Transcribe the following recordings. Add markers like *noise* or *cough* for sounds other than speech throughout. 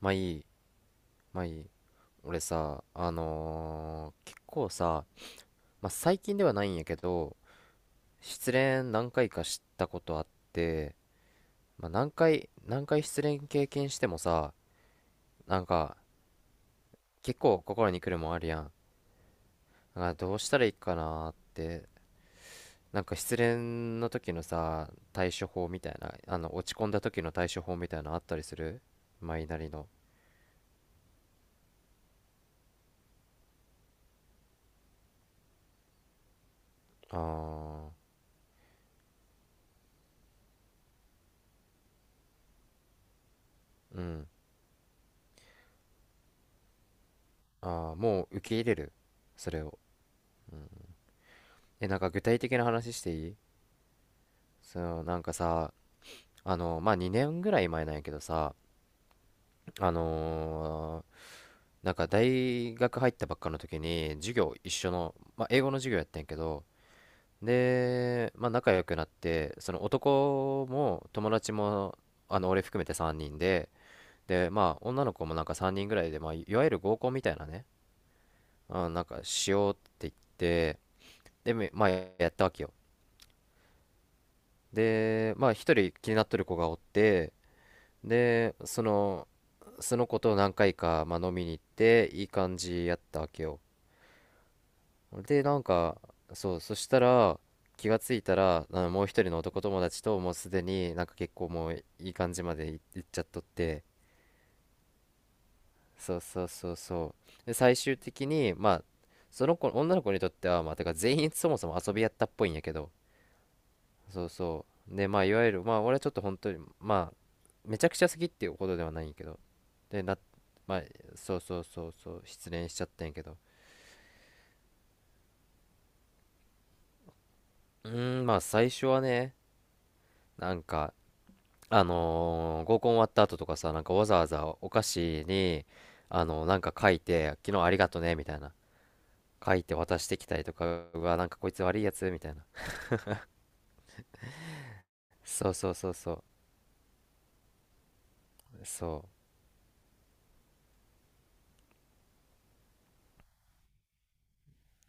まあいい、まあいい。俺さ、結構さ、まあ最近ではないんやけど、失恋何回かしたことあって、まあ何回失恋経験してもさ、なんか結構心に来るもんあるやん。なんかどうしたらいいかなって、なんか失恋の時のさ、対処法みたいな、あの落ち込んだ時の対処法みたいなのあったりするマイなりの。ああ、うん。ああ、もう受け入れるそれを。え、なんか具体的な話していい。その、なんかさ、あの、まあ、2年ぐらい前なんやけどさ、あのーなんか大学入ったばっかの時に、授業一緒の、まあ、英語の授業やったんやけど、で、まあ、仲良くなって、その男も友達も、あの、俺含めて3人で、で、まあ、女の子もなんか3人ぐらいで、まあ、いわゆる合コンみたいなね、あ、なんかしようって言って、で、まあ、やったわけよ。で、まあ、一人気になっとる子がおって、で、その子と何回か、まあ、飲みに行って、いい感じやったわけよ。で、なんか、そう、そしたら、気がついたら、あのもう一人の男友達と、もうすでになんか結構もういい感じまで行っちゃっとって、そうそうそうそう。で、最終的に、まあ、その子、女の子にとっては、まあ、てか全員そもそも遊びやったっぽいんやけど、そうそうで、まあ、いわゆる、まあ、俺はちょっと本当に、まあ、めちゃくちゃ好きっていうことではないんやけど、でな、まあ、そうそうそうそう、失恋しちゃったんやけど、まあ最初はね、なんか合コン終わった後とかさ、なんかわざわざお菓子になんか書いて「昨日ありがとね」みたいな書いて渡してきたりとか、うわなんかこいつ悪いやつみたいな。そうそうそうそうそ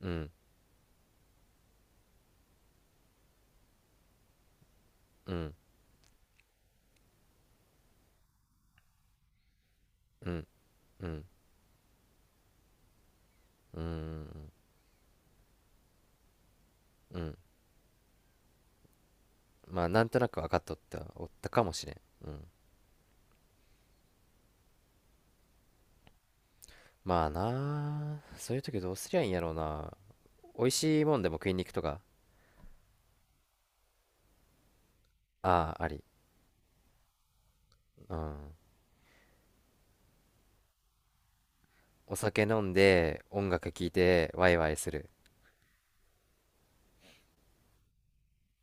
う。うんうんうんうんうん。まあなんとなく分かっとったおったかもしれん、うん、まあなあそういう時どうすりゃいいんやろうな。美味しいもんでも食いに行くとか。ああ、うん。お酒飲んで音楽聴いてワイワイする。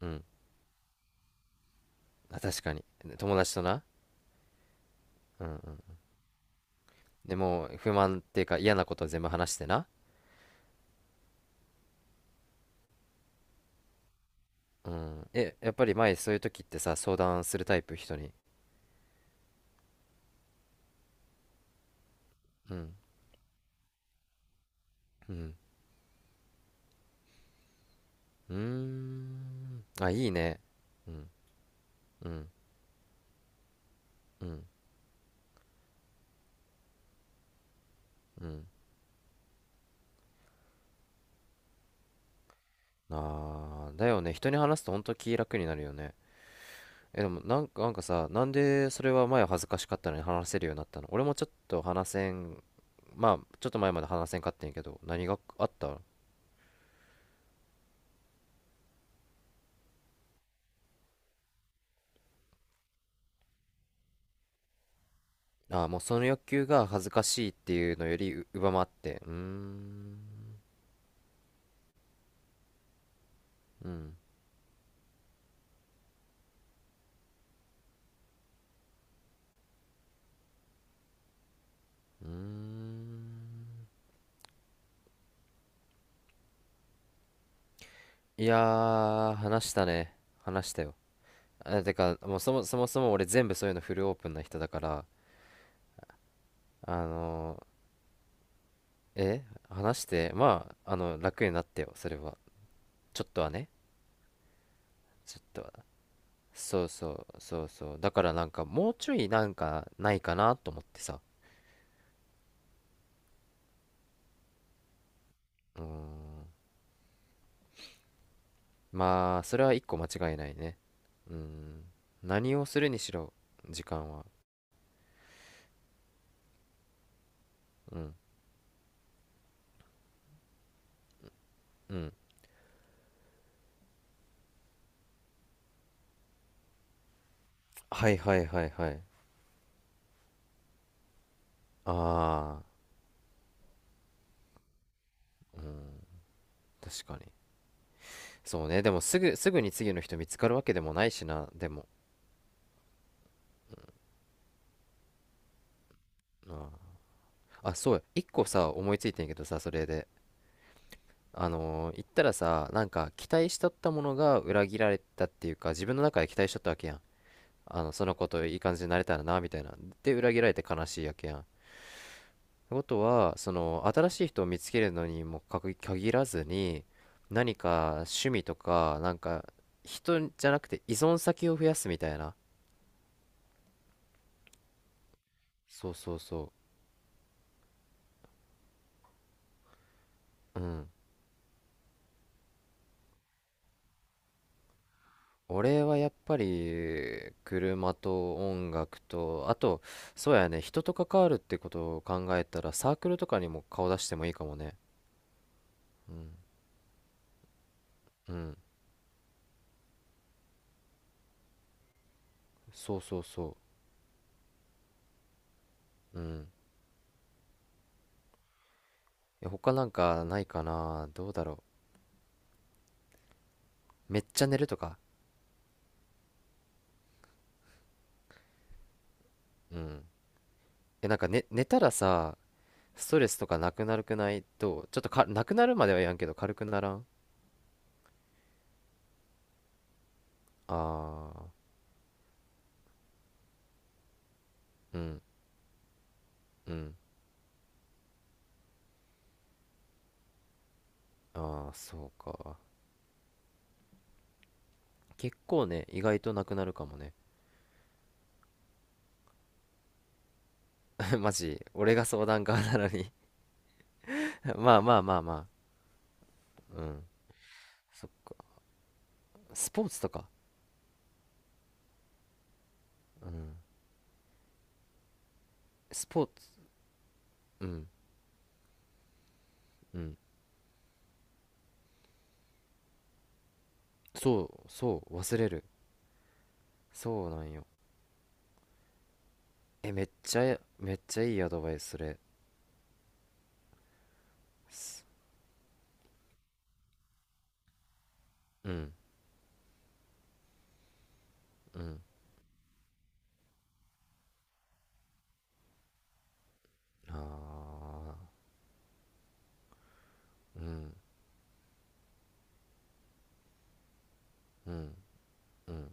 うん。あ確かに、友達とな。うん。うん、でもう不満っていうか嫌なこと全部話してな。うん、やっぱり前そういう時ってさ相談するタイプ、人に。うんうん。うーん、あいいね。うんうんうんうん、あーだよね、人に話すと本当気楽になるよね。でもなんかさ、なんでそれは前は恥ずかしかったのに話せるようになったの。俺もちょっと話せん、まあちょっと前まで話せんかったんやけど、何があった。あー、もうその欲求が恥ずかしいっていうのより上回ってうーん。うん。うーん、いやー話したね。話したよ。あ、てかもう、そもそも俺全部そういうのフルオープンな人だから。あのえ話して、まあ、あの楽になってよ、それは。ちょっとはね。ちょっとは。そうそうそうそう、だからなんかもうちょいなんかないかなと思ってさ。うん、まあそれは一個間違いないね。うん、何をするにしろ時間は。うんうん。はいはいはいはい。ああ、確かに。そうね、でもすぐに次の人見つかるわけでもないしな、でも、あーあ、そうや、一個さ思いついてんけどさ、それで、言ったらさ、なんか期待しとったものが裏切られたっていうか、自分の中で期待しとったわけやん、あのその子といい感じになれたらなみたいな、で裏切られて悲しいわけやん、ってことはその新しい人を見つけるのにもかく限らずに、何か趣味とかなんか、人じゃなくて依存先を増やすみたいな。そうそうそう。うん。俺はやっぱり車と音楽と、あと、そうやね、人と関わるってことを考えたら、サークルとかにも顔出してもいいかもね。うんうん。そうそうそう。うん。他なんかないかな、どうだろ。めっちゃ寝るとか。うん。なんか、寝たらさストレスとかなくなるくないどう、ちょっとかなくなるまではやんけど軽くならん。ああー、うん。うん。ああー、そうか。結構ね、意外となくなるかもね。 *laughs* マジ、俺が相談側なのに。 *laughs* まあまあまあまあ。うん。そスポーツとか。うん。スポーツ。うん。うん。そう、そう、忘れる。そうなんよ。めっちゃいいアドバイス、それ。すうん、うん。ああ、うん、うん、うん。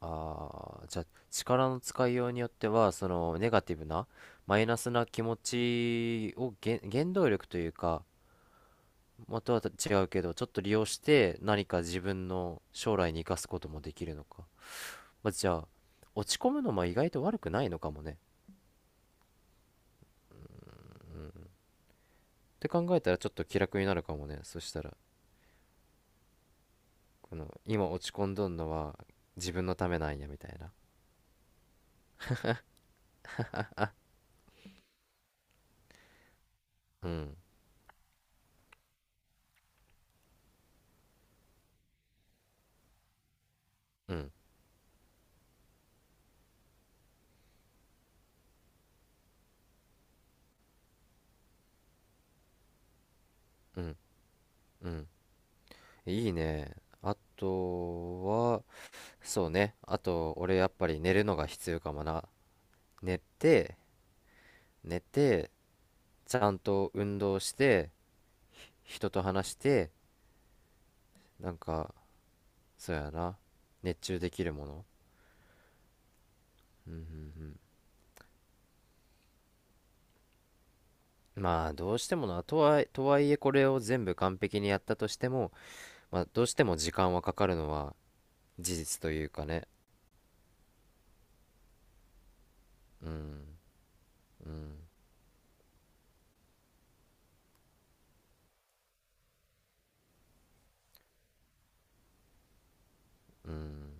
ああ、じゃあ、力の使いようによっては、その、ネガティブな、マイナスな気持ちを原動力というか、元は違うけど、ちょっと利用して何か自分の将来に生かすこともできるのか。まあ、じゃあ、落ち込むのも意外と悪くないのかもね。って考えたらちょっと気楽になるかもね。そしたら、この、今落ち込んどんのは自分のためなんや、みたいな。うん、うん、うん、うん。いいね。あとは、そうね。あと、俺やっぱり寝るのが必要かもな。寝て、寝て、ちゃんと運動して、人と話して、なんか、そうやな。熱中できるもの。うんうんうん。まあ、どうしてもな。とはいえこれを全部完璧にやったとしても、まあ、どうしても時間はかかるのは事実というかね。うん、うん、うん。